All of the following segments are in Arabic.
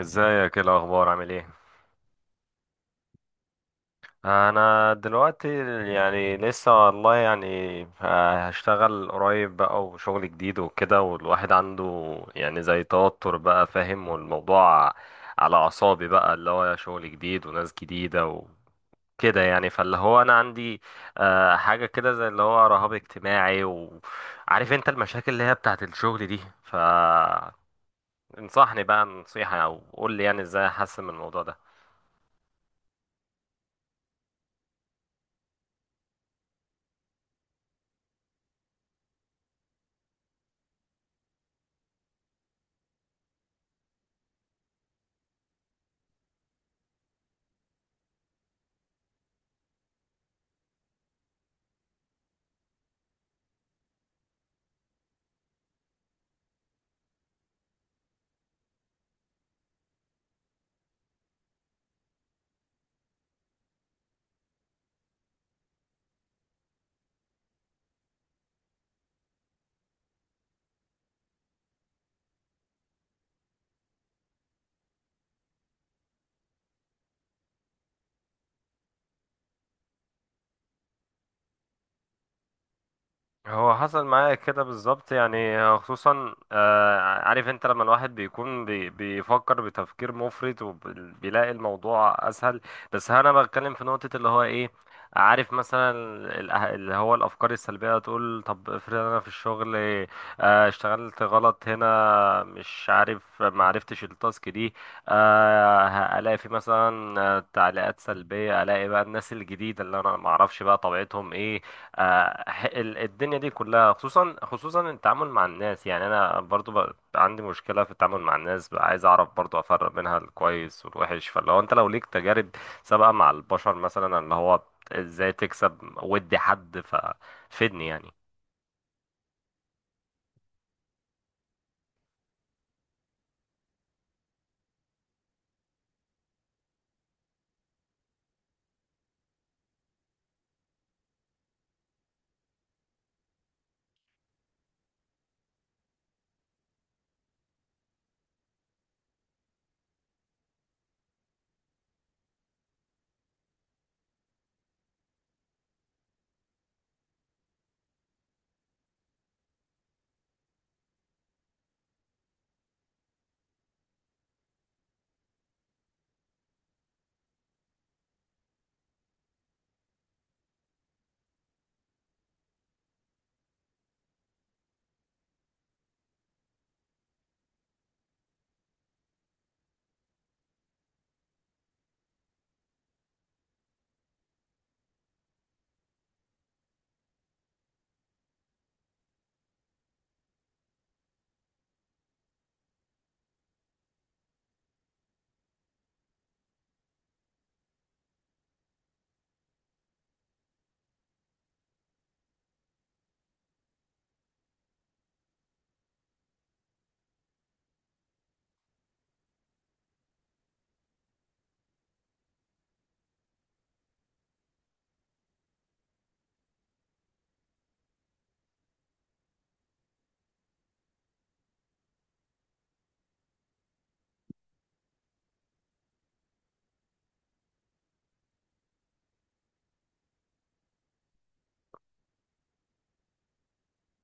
ازيك؟ ايه الاخبار؟ عامل ايه؟ انا دلوقتي يعني لسه والله يعني آه، هشتغل قريب بقى وشغل جديد وكده، والواحد عنده يعني زي توتر بقى، فاهم؟ والموضوع على اعصابي، بقى اللي هو شغل جديد وناس جديدة وكده. يعني فاللي هو انا عندي حاجة كده زي اللي هو رهاب اجتماعي، وعارف انت المشاكل اللي هي بتاعت الشغل دي، ف انصحني بقى نصيحة او قول لي يعني ازاي احسن من الموضوع ده. هو حصل معايا كده بالظبط، يعني خصوصا عارف انت لما الواحد بيكون بيفكر بتفكير مفرط وبيلاقي الموضوع اسهل. بس انا بتكلم في نقطة اللي هو ايه. عارف مثلا اللي هو الافكار السلبية، تقول طب افرض انا في الشغل اشتغلت غلط هنا، مش عارف، ما عرفتش التاسك دي. الاقي في مثلا تعليقات سلبية، الاقي بقى الناس الجديدة اللي انا ما اعرفش بقى طبيعتهم ايه. الدنيا دي كلها، خصوصا التعامل مع الناس. يعني انا برضو بقى عندي مشكله في التعامل مع الناس، بقى عايز اعرف برضو افرق بينها الكويس والوحش. فلو انت لو ليك تجارب سابقه مع البشر، مثلا اللي هو ازاي تكسب ود حد، ففيدني يعني.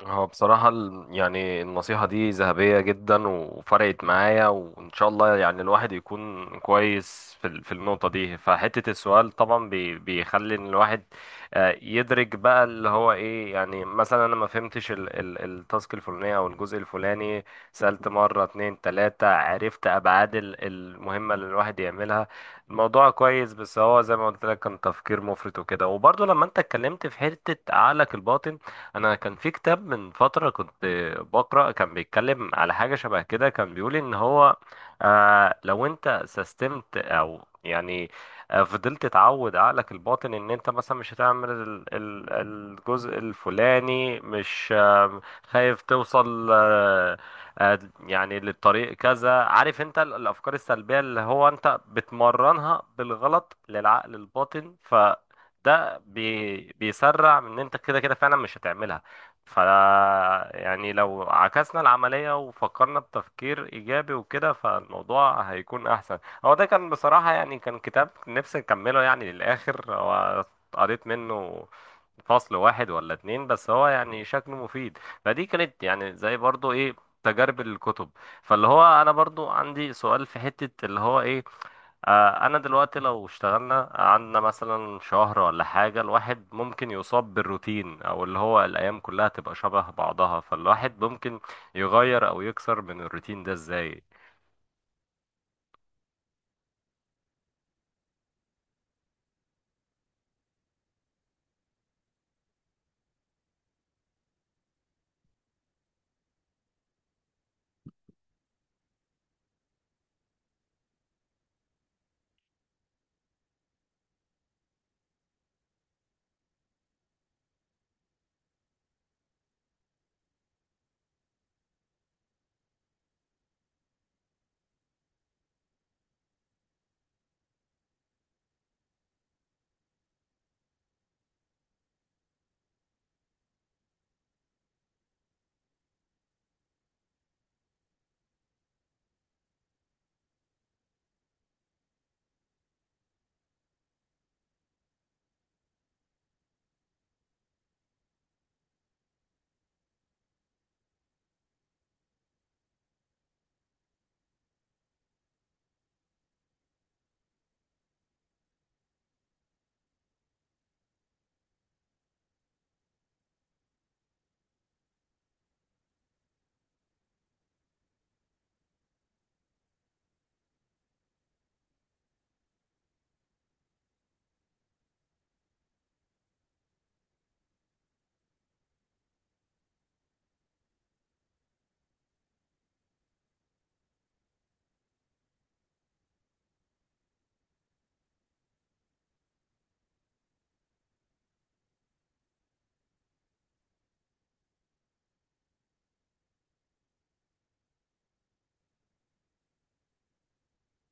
هو بصراحة يعني النصيحة دي ذهبية جدا، وفرقت معايا، وإن شاء الله يعني الواحد يكون كويس في في النقطة دي. فحتة السؤال طبعا بيخلي إن الواحد يدرك بقى اللي هو إيه. يعني مثلا أنا ما فهمتش التاسك الفلانية أو الجزء الفلاني، سألت مرة اتنين تلاتة، عرفت أبعاد المهمة اللي الواحد يعملها. الموضوع كويس، بس هو زي ما قلت لك، كان تفكير مفرط وكده. وبرضه لما أنت اتكلمت في حتة عقلك الباطن، انا كان في كتاب من فترة كنت بقرأ، كان بيتكلم على حاجة شبه كده. كان بيقول ان هو آه، لو انت سستمت او يعني فضلت تعود عقلك الباطن ان انت مثلا مش هتعمل الجزء الفلاني، مش خايف توصل آه، يعني للطريق كذا، عارف انت الافكار السلبية اللي هو انت بتمرنها بالغلط للعقل الباطن، ف بيسرع من ان انت كده كده فعلا مش هتعملها. ف يعني لو عكسنا العملية وفكرنا بتفكير ايجابي وكده، فالموضوع هيكون احسن. هو ده كان بصراحة يعني كان كتاب نفسي نكمله يعني للاخر. هو قريت منه فصل واحد ولا اتنين، بس هو يعني شكله مفيد. فدي كانت يعني زي برضو ايه، تجارب الكتب. فاللي هو انا برضو عندي سؤال في حتة اللي هو ايه، انا دلوقتي لو اشتغلنا عندنا مثلا شهر ولا حاجة، الواحد ممكن يصاب بالروتين، او اللي هو الايام كلها تبقى شبه بعضها. فالواحد ممكن يغير او يكسر من الروتين ده ازاي؟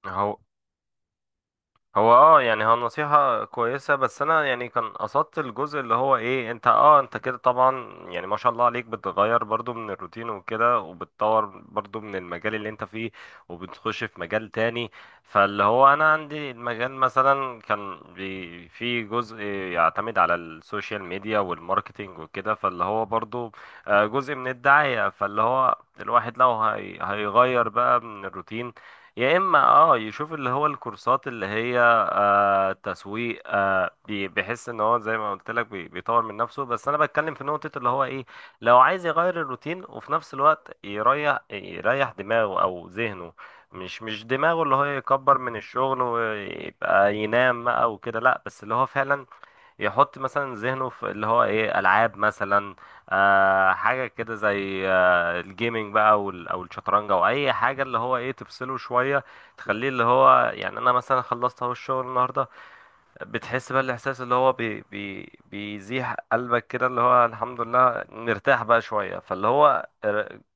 هو هو اه يعني هو نصيحة كويسة، بس انا يعني كان قصدت الجزء اللي هو ايه. انت اه انت كده طبعا يعني ما شاء الله عليك، بتغير برضو من الروتين وكده، وبتطور برضو من المجال اللي انت فيه، وبتخش في مجال تاني. فاللي هو انا عندي المجال مثلا كان بي في جزء يعتمد على السوشيال ميديا والماركتينج وكده، فاللي هو برضو جزء من الدعاية. فاللي هو الواحد لو هيغير بقى من الروتين، يا اما اه يشوف اللي هو الكورسات اللي هي آه تسويق. آه بيحس ان هو زي ما قلت لك بيطور من نفسه. بس انا بتكلم في نقطة اللي هو ايه، لو عايز يغير الروتين وفي نفس الوقت يريح دماغه او ذهنه. مش دماغه اللي هو يكبر من الشغل ويبقى ينام بقى وكده، لا، بس اللي هو فعلا يحط مثلا ذهنه في اللي هو ايه، العاب مثلا. آه حاجه كده زي آه الجيمنج بقى، او او الشطرنج او اي حاجه اللي هو ايه تفصله شويه، تخليه اللي هو يعني انا مثلا خلصت اهو الشغل النهارده. بتحس بقى الاحساس اللي هو بي بي بيزيح قلبك كده، اللي هو الحمد لله نرتاح بقى شويه. فاللي هو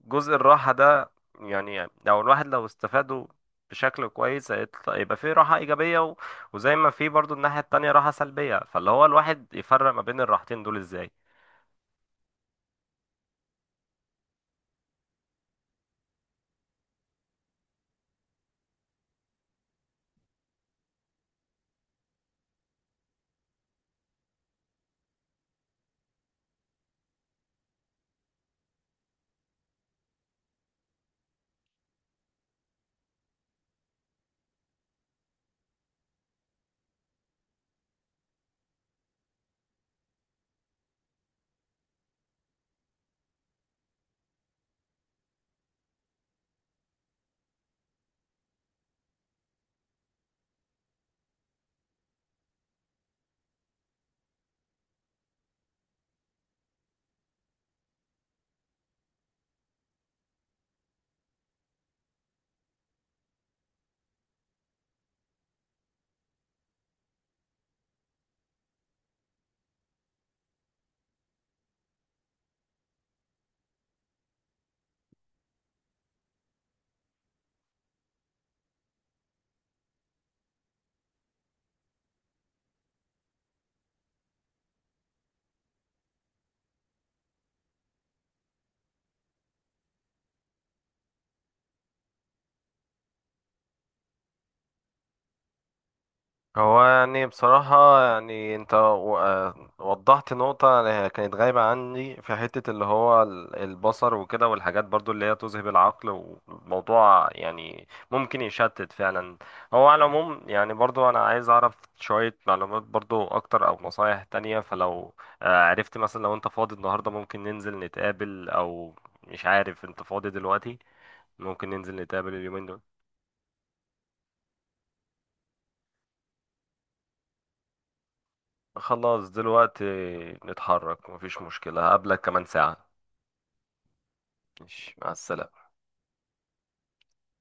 جزء الراحه ده يعني لو الواحد لو استفاده بشكل كويس، هيطلع- يبقى فيه راحه ايجابيه، و- وزي ما فيه برضو الناحيه التانية راحه سلبيه. فاللي هو الواحد يفرق ما بين الراحتين دول ازاي؟ هو يعني بصراحة يعني انت و- آه وضحت نقطة يعني كانت غايبة عني في حتة اللي هو البصر وكده، والحاجات برضو اللي هي تذهب العقل، وموضوع يعني ممكن يشتت فعلا. هو على العموم يعني برضو انا عايز اعرف شوية معلومات برضو اكتر او نصايح تانية. فلو عرفت مثلا، لو انت فاضي النهاردة ممكن ننزل نتقابل، او مش عارف، انت فاضي دلوقتي؟ ممكن ننزل نتقابل اليومين دول. خلاص دلوقتي نتحرك، مفيش مشكلة، هقابلك كمان ساعة. ماشي، مع السلامة.